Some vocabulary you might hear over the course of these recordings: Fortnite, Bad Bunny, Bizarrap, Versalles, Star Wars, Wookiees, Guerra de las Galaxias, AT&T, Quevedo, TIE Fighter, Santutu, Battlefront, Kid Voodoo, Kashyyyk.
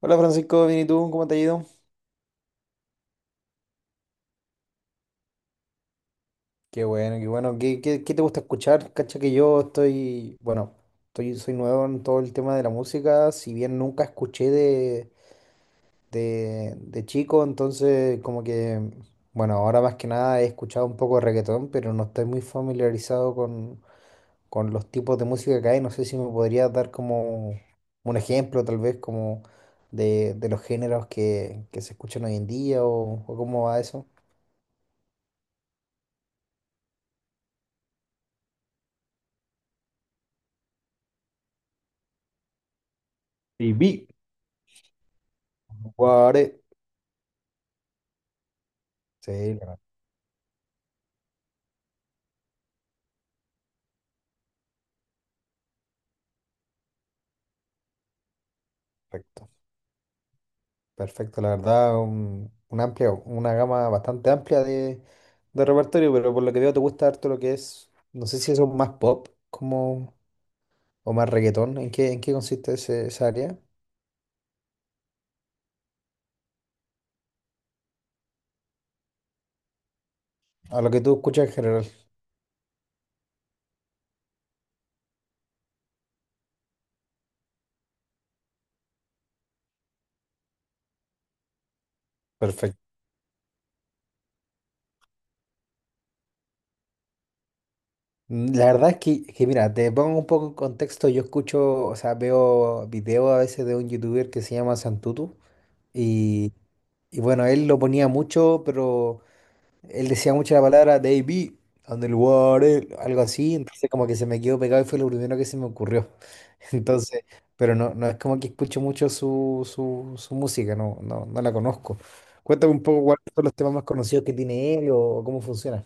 Hola Francisco, bien y tú, ¿cómo te ha ido? Qué bueno, qué bueno. ¿Qué, qué te gusta escuchar? Cacha que yo estoy, bueno, estoy, soy nuevo en todo el tema de la música, si bien nunca escuché de chico, entonces como que, bueno, ahora más que nada he escuchado un poco de reggaetón, pero no estoy muy familiarizado con los tipos de música que hay. No sé si me podrías dar como un ejemplo, tal vez, como de los géneros que se escuchan hoy en día o cómo va eso. Y vi. Guare. Sí, la perfecto. Perfecto, la verdad, un amplia, una gama bastante amplia de repertorio, pero por lo que veo te gusta harto lo que es, no sé si eso es más pop como, o más reggaetón, en qué consiste esa área? A lo que tú escuchas en general. Perfecto. La verdad es que mira, te pongo un poco en contexto, yo escucho, o sea, veo videos a veces de un youtuber que se llama Santutu y... Y bueno, él lo ponía mucho, pero él decía mucho la palabra Davey, Underwater, algo así, entonces como que se me quedó pegado y fue lo primero que se me ocurrió. Entonces, pero no, no es como que escucho mucho su música, no, no, no la conozco. Cuéntame un poco cuáles son los temas más conocidos que tiene él o cómo funciona.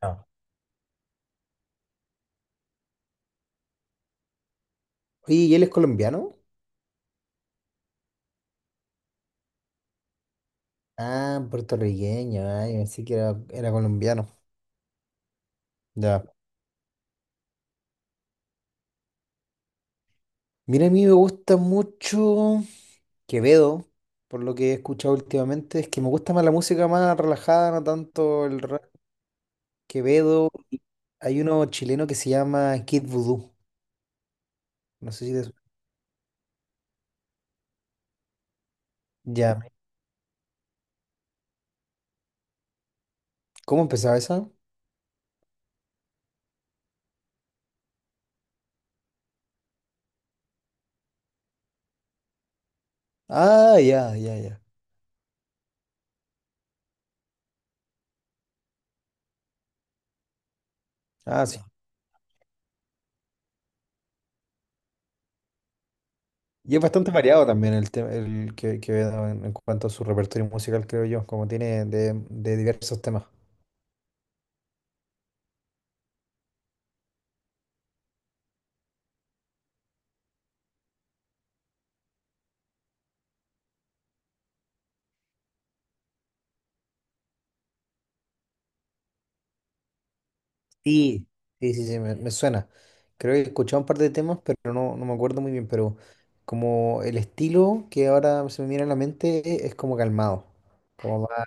No. Oye, ¿y él es colombiano? Ah, puertorriqueño, ay, pensé que era, era colombiano. Ya. Mira, a mí me gusta mucho. Quevedo, por lo que he escuchado últimamente, es que me gusta más la música más relajada, no tanto el rap. Quevedo, hay uno chileno que se llama Kid Voodoo. No sé si te suena. Ya. ¿Cómo empezaba esa? Ah, ya, ya, ya. Ah, sí. Y es bastante variado también el tema, el que, Quevedo en cuanto a su repertorio musical, creo yo, como tiene de diversos temas. Sí, sí, sí, sí, me suena. Creo que he escuchado un par de temas, pero no, no me acuerdo muy bien, pero como el estilo que ahora se me viene a la mente es como calmado, como más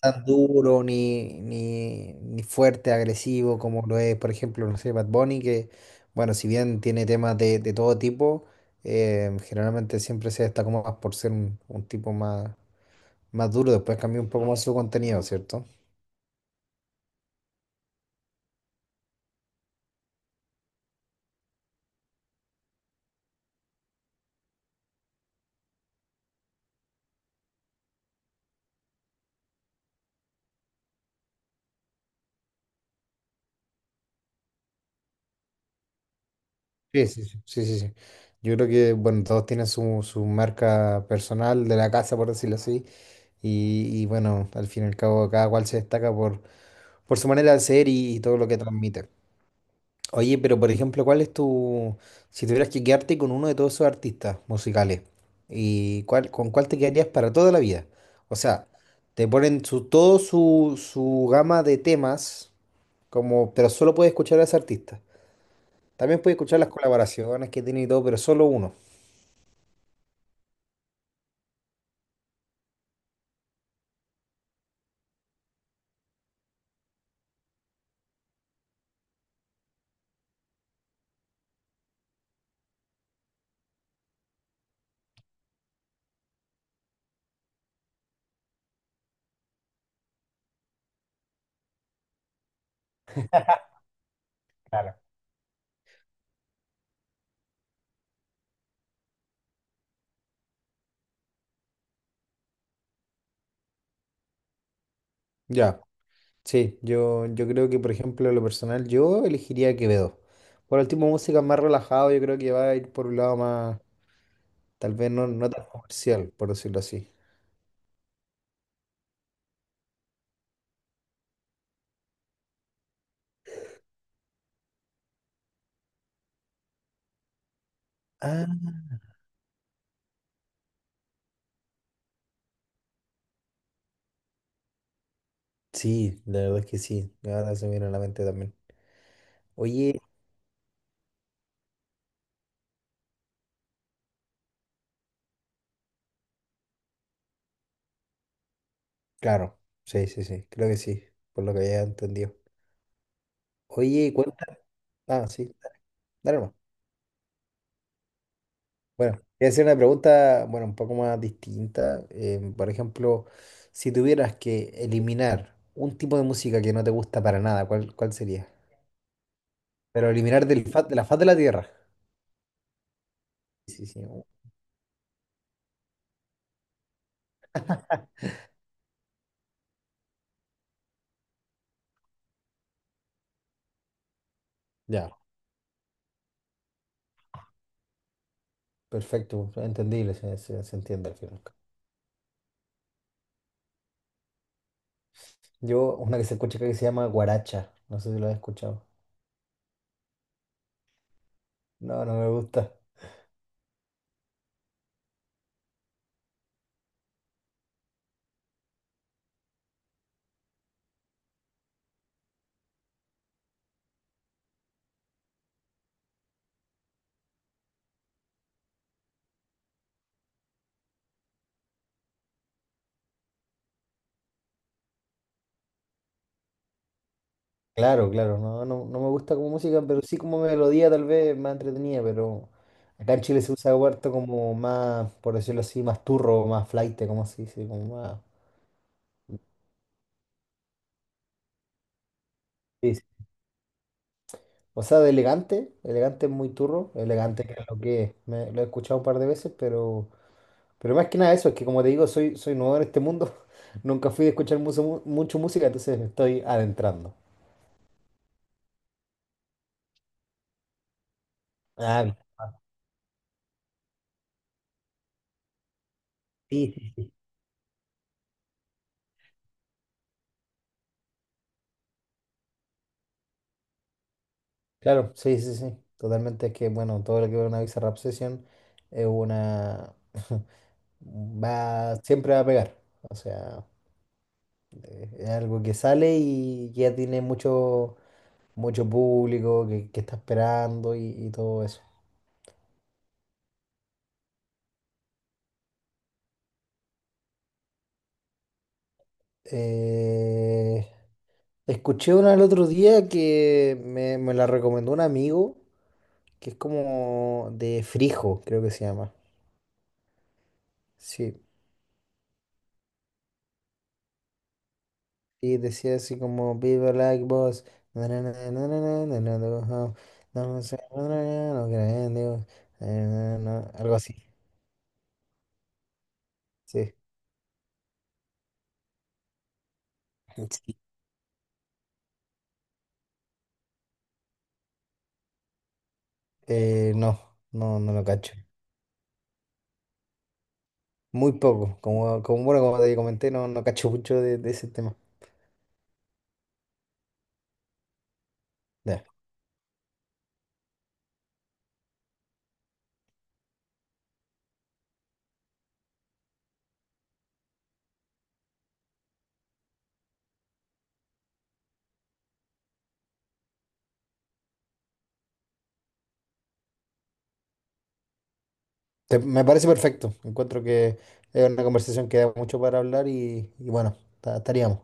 tan duro, ni fuerte, agresivo, como lo es, por ejemplo, no sé, Bad Bunny, que, bueno, si bien tiene temas de todo tipo, generalmente siempre se destaca más por ser un tipo más, más duro, después cambió un poco más su contenido, ¿cierto? Sí, sí, sí, sí, sí, sí. Yo creo que, bueno, todos tienen su marca personal de la casa, por decirlo así. Y bueno, al fin y al cabo, cada cual se destaca por su manera de ser y todo lo que transmite. Oye, pero por ejemplo, ¿cuál es tu, si tuvieras que quedarte con uno de todos esos artistas musicales, y cuál, con cuál te quedarías para toda la vida? O sea, te ponen su, todo su gama de temas, como, pero solo puedes escuchar a ese artista. También puedes escuchar las colaboraciones que tiene y todo, pero solo uno. Claro. Ya, sí, yo creo que, por ejemplo, en lo personal, yo elegiría Quevedo. Por el tipo de música más relajado, yo creo que va a ir por un lado más, tal vez no, no tan comercial, por decirlo así. Ah, sí, la verdad es que sí, ahora se me viene a la mente también. Oye, claro, sí, sí, sí, creo que sí, por lo que había entendido. Oye, cuenta, ah, sí, dale nomás. Bueno, voy a hacer una pregunta, bueno, un poco más distinta. Por ejemplo, si tuvieras que eliminar un tipo de música que no te gusta para nada, ¿cuál, cuál sería? Pero eliminar del de la faz de la tierra. Sí, sí, ya, perfecto, entendible, se, se entiende al final. Yo, una que se escucha acá que se llama guaracha, no sé si lo has escuchado. No, no me gusta. Claro, claro, no, no, no me gusta como música, pero sí como melodía tal vez más entretenida, pero acá en Chile se usa huerto como más, por decirlo así, más turro, más flaite, como se dice, como más... Sí, sí. O sea, de elegante, elegante es muy turro, elegante que es lo que es, me- lo he escuchado un par de veces, pero más que nada eso, es que como te digo, soy, soy nuevo en este mundo, nunca fui de escuchar mucho, mucho música, entonces me estoy adentrando. Ah, sí. Sí, sí. Claro, sí, sí, sí, totalmente. Es que, bueno, todo lo que ve una Bizarrap Session es una... va, siempre va a pegar. O sea, es algo que sale y ya tiene mucho, mucho público que está esperando y todo eso. Eh, Escuché una el otro día que me la recomendó un amigo, que es como de Frijo, creo que se llama. Sí. Y decía así como, Viva like boss. Na, na, na, na, na, na, na, na, na, no sé, na, na, na, no creen, digo, na, na, algo así. Sí. Sí. No, no, no lo cacho. Muy poco. Como, como, bueno, como te comenté, no, no cacho mucho de ese tema. Ya. Me parece perfecto. Encuentro que es una conversación que da mucho para hablar y bueno, estaríamos.